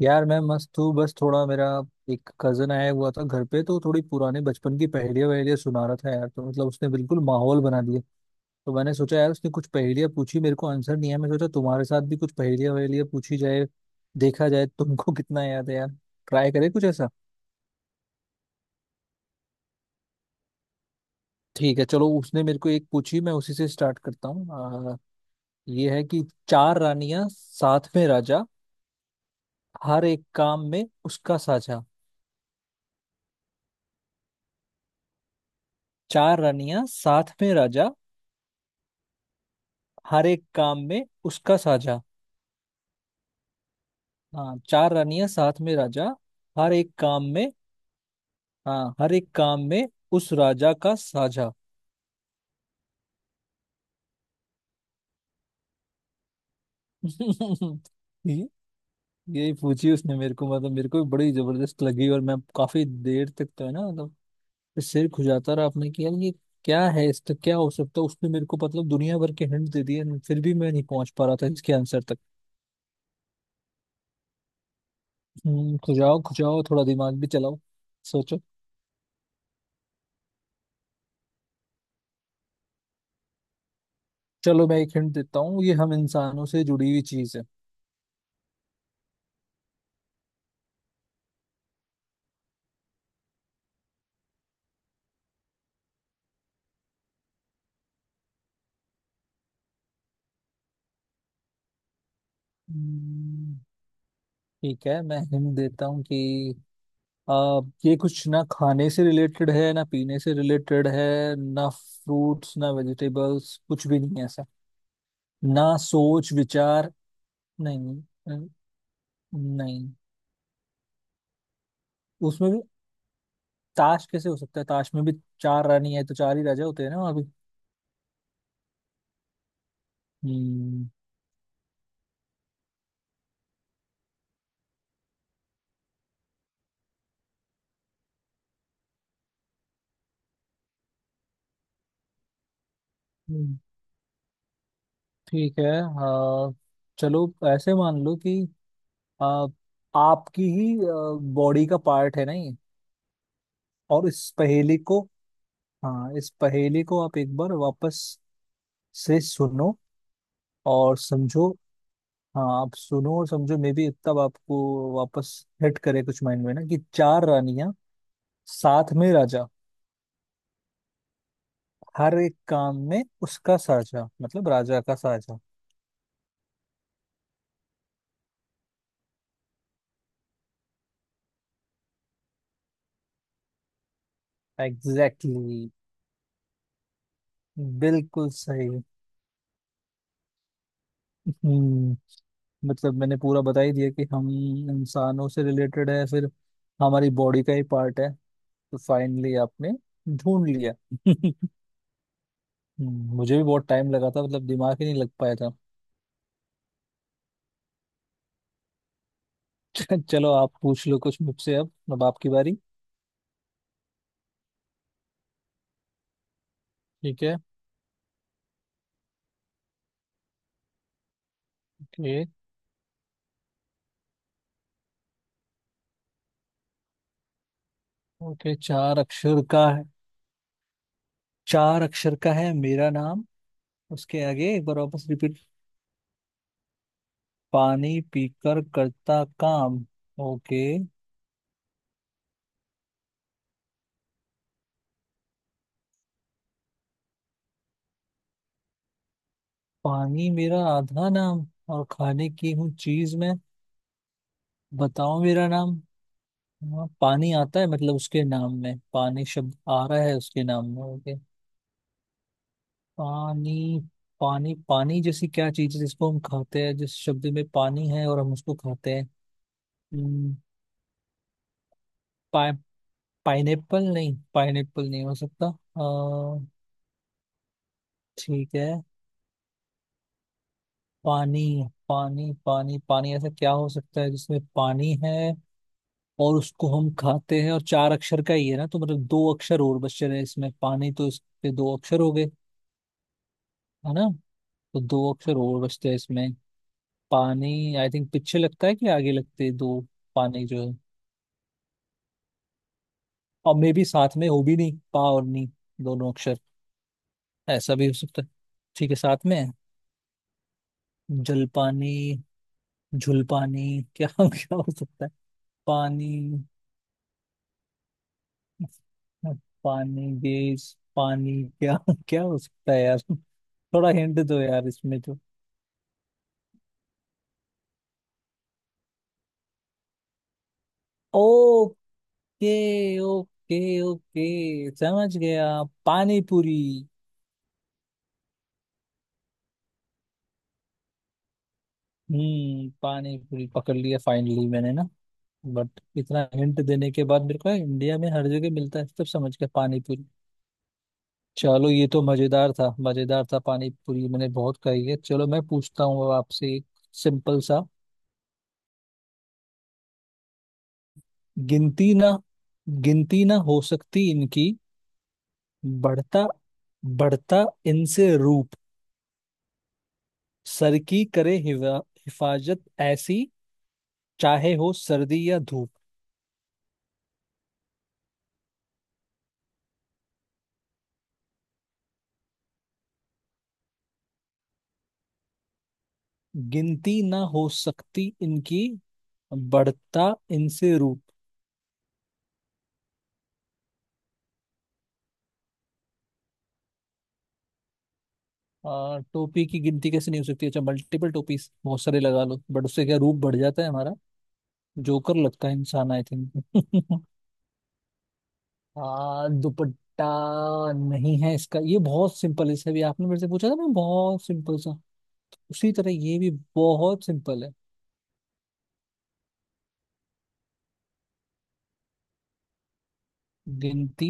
यार, मैं मस्त हूँ। बस थोड़ा मेरा एक कजन आया हुआ था घर पे, तो थोड़ी पुराने बचपन की पहेलियां वहेलियां सुना रहा था यार। तो मतलब उसने बिल्कुल माहौल बना दिया। तो मैंने सोचा यार, उसने कुछ पहेलियां पूछी, मेरे को आंसर नहीं है। मैं सोचा तुम्हारे साथ भी कुछ पहेलियां वहेलियां पूछी जाए, देखा जाए तुमको। कितना याद है यार। ट्राई करें कुछ ऐसा। ठीक है, चलो उसने मेरे को एक पूछी, मैं उसी से स्टार्ट करता हूँ। आ, ये है कि चार रानियां साथ में राजा, हर एक काम में उसका साझा। चार रानियां साथ में राजा, हर एक काम में उसका साझा। हाँ, चार रानियां साथ में राजा, हर एक काम में। हाँ, हर एक काम में उस राजा का साझा। ये- यही पूछी उसने मेरे को। मतलब मेरे को भी बड़ी जबरदस्त लगी, और मैं काफी देर तक तो है ना मतलब सिर खुजाता रहा आपने कि यार ये क्या है, इसका क्या हो सकता है। उसने मेरे को मतलब दुनिया भर के हिंट दे दिए, फिर भी मैं नहीं पहुंच पा रहा था इसके आंसर तक। खुजाओ खुजाओ, थोड़ा दिमाग भी चलाओ। सोचो। चलो मैं एक हिंट देता हूँ, ये हम इंसानों से जुड़ी हुई चीज है। हम्म, ठीक है मैं हिंट देता हूँ कि आ, ये कुछ ना खाने से रिलेटेड है, ना पीने से रिलेटेड है, ना फ्रूट्स, ना वेजिटेबल्स, कुछ भी नहीं है ऐसा, ना सोच विचार। नहीं, न- नहीं। उसमें भी ताश कैसे हो सकता है, ताश में भी चार रानी है तो चार ही राजा होते हैं ना वहाँ भी। हम्म। हम्म, ठीक है। चलो ऐसे मान लो कि आ, आपकी ही बॉडी का पार्ट है, नहीं? और इस पहेली को, हाँ, इस पहेली को आप एक बार वापस से सुनो और समझो। हाँ, आप सुनो और समझो मे भी, तब आपको वापस हिट करे कुछ माइंड में ना कि चार रानियां साथ में राजा, हर एक काम में उसका साझा, मतलब राजा का साझा। एग्जैक्टली। exactly, बिल्कुल सही। हम्म, मतलब मैंने पूरा बता ही दिया कि हम इंसानों से रिलेटेड है, फिर हमारी बॉडी का ही पार्ट है, तो फाइनली आपने ढूंढ लिया। मुझे भी बहुत टाइम लगा था, मतलब दिमाग ही नहीं लग पाया था। चलो आप पूछ लो कुछ मुझसे अब आपकी बारी। ठीक है। Okay, okay. चार अक्षर का है। चार अक्षर का है मेरा नाम, उसके आगे एक बार वापस रिपीट। पानी पीकर करता काम। ओके। पानी मेरा आधा नाम, और खाने की हूँ चीज मैं, बताओ मेरा नाम। हाँ, पानी आता है, मतलब उसके नाम में पानी शब्द आ रहा है, उसके नाम में। ओके। पानी। पानी, पानी जैसी क्या चीज है जिसको हम खाते हैं, जिस शब्द में पानी है और हम उसको खाते हैं। हम्म, पा, पाइनएप्पल नहीं, पाइनएप्पल नहीं हो सकता। ठीक है। पानी, पानी, पानी, पानी, ऐसा क्या हो सकता है जिसमें पानी है और उसको हम खाते हैं, और चार अक्षर का ही है ना, तो मतलब दो अक्षर और बचे रहे। इसमें पानी, तो इसके दो अक्षर हो गए, है ना? तो दो अक्षर और बचते हैं इसमें। पानी, आई थिंक पीछे लगता है कि आगे लगते हैं दो। पानी जो है, और मे भी साथ में हो, भी नहीं पा और नी दोनों अक्षर, ऐसा भी हो सकता है। ठीक है साथ में है। जलपानी, झुलपानी, क्या क्या हो सकता है? पानी, पानी गैस, पानी क्या, क्या हो सकता है यार? थोड़ा हिंट दो यार, इसमें तो। ओके, ओके, ओके, समझ गया। पानी पूरी। हम्म, पानी पूरी पकड़ लिया फाइनली मैंने ना। बट इतना हिंट देने के बाद, मेरे को इंडिया में हर जगह मिलता है, सब समझ गया पानी पूरी। चलो, ये तो मजेदार था, मजेदार था। पानी पूरी मैंने बहुत खाई है। चलो मैं पूछता हूँ अब आपसे एक सिंपल सा। गिनती ना, गिनती ना हो सकती इनकी, बढ़ता बढ़ता इनसे रूप, सर की करे हिफाजत ऐसी, चाहे हो सर्दी या धूप। गिनती ना हो सकती इनकी, बढ़ता इनसे रूप। टोपी की गिनती कैसे नहीं हो सकती? अच्छा, मल्टीपल टोपीज बहुत सारे लगा लो, बट उससे क्या रूप बढ़ जाता है हमारा? जोकर लगता है इंसान, आई थिंक। हाँ, दुपट्टा नहीं है इसका। ये बहुत सिंपल है, इसे भी आपने मेरे से पूछा था ना, बहुत सिंपल सा। उसी तरह ये भी बहुत सिंपल है। गिनती,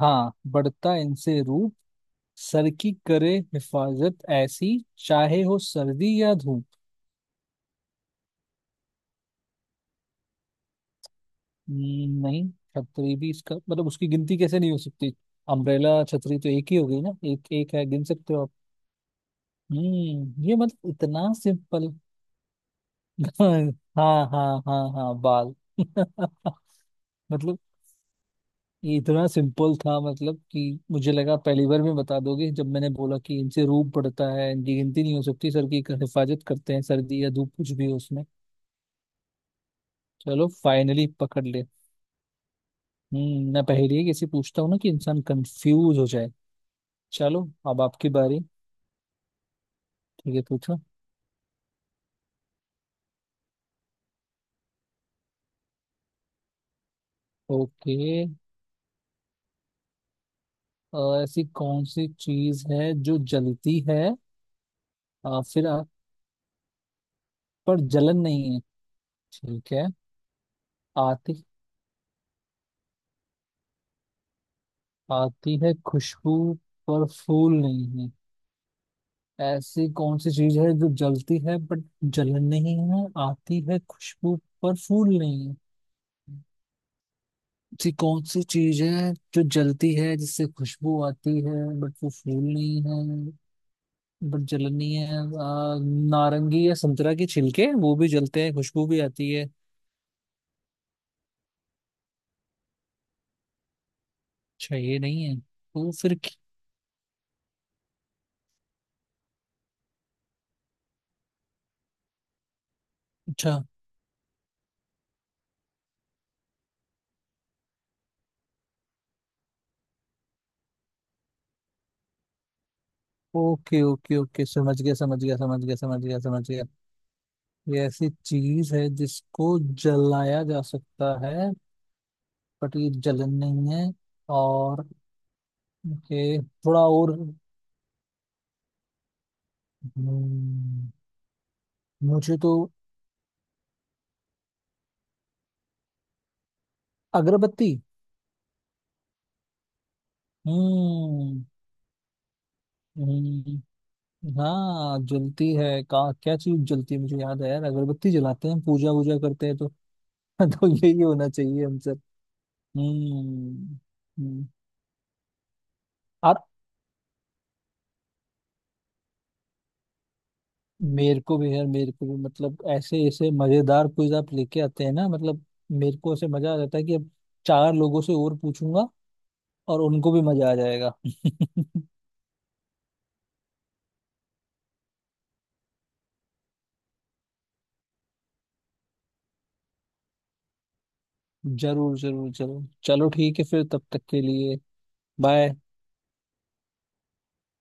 हाँ, बढ़ता इनसे रूप, सर की करे हिफाजत ऐसी, चाहे हो सर्दी या धूप। नहीं। छतरी भी इसका मतलब? उसकी गिनती कैसे नहीं हो सकती, अम्ब्रेला छतरी तो एक ही हो गई ना, एक एक है, गिन सकते हो आप। हम्म, ये मतलब इतना सिंपल? हाँ, हाँ, हाँ, हाँ, बाल। मतलब ये इतना सिंपल था, मतलब कि मुझे लगा पहली बार में बता दोगे, जब मैंने बोला कि इनसे रूप पड़ता है, इनकी गिनती नहीं हो सकती, सर की हिफाजत करते हैं सर्दी या धूप कुछ भी हो उसमें। चलो, फाइनली पकड़ ले। हम्म, मैं पहेली कैसे पूछता हूँ ना कि इंसान कंफ्यूज हो जाए। चलो, अब आपकी बारी। ठीक है, पूछो। ओके। ऐसी कौन सी चीज है जो जलती है? फिर पर जलन नहीं है। ठीक है, आती आती है खुशबू, पर फूल नहीं है। ऐसी कौन सी चीज है जो जलती है बट जलन नहीं है, आती है खुशबू पर फूल नहीं है। ऐसी कौन सी चीज है जो जलती है, जिससे खुशबू आती है, बट वो फूल नहीं है, बट जलनी है। नारंगी या संतरा के छिलके, वो भी जलते हैं, खुशबू भी आती है। अच्छा, ये नहीं है तो फिर अच्छा। ओके, ओके, ओके, समझ गया, समझ गया, समझ गया, समझ गया, समझ गया। ये ऐसी चीज है जिसको जलाया जा सकता है, बट ये जलन नहीं है, और ओके थोड़ा और। हम्म, मुझे तो अगरबत्ती। हम्म। हम्म। हाँ, जलती है का क्या चीज जलती है, मुझे याद है यार अगरबत्ती जलाते हैं, पूजा वूजा करते हैं तो तो यही होना चाहिए हम सब। हम्म। हम्म। और मेरे को भी यार, मेरे को भी मतलब, ऐसे ऐसे मजेदार क्विज आप लेके आते हैं ना, मतलब मेरे को ऐसे मजा आ जाता है कि अब चार लोगों से और पूछूंगा, और उनको भी मजा आ जाएगा। जरूर, जरूर, जरूर। चलो ठीक है, फिर तब तक के लिए बाय।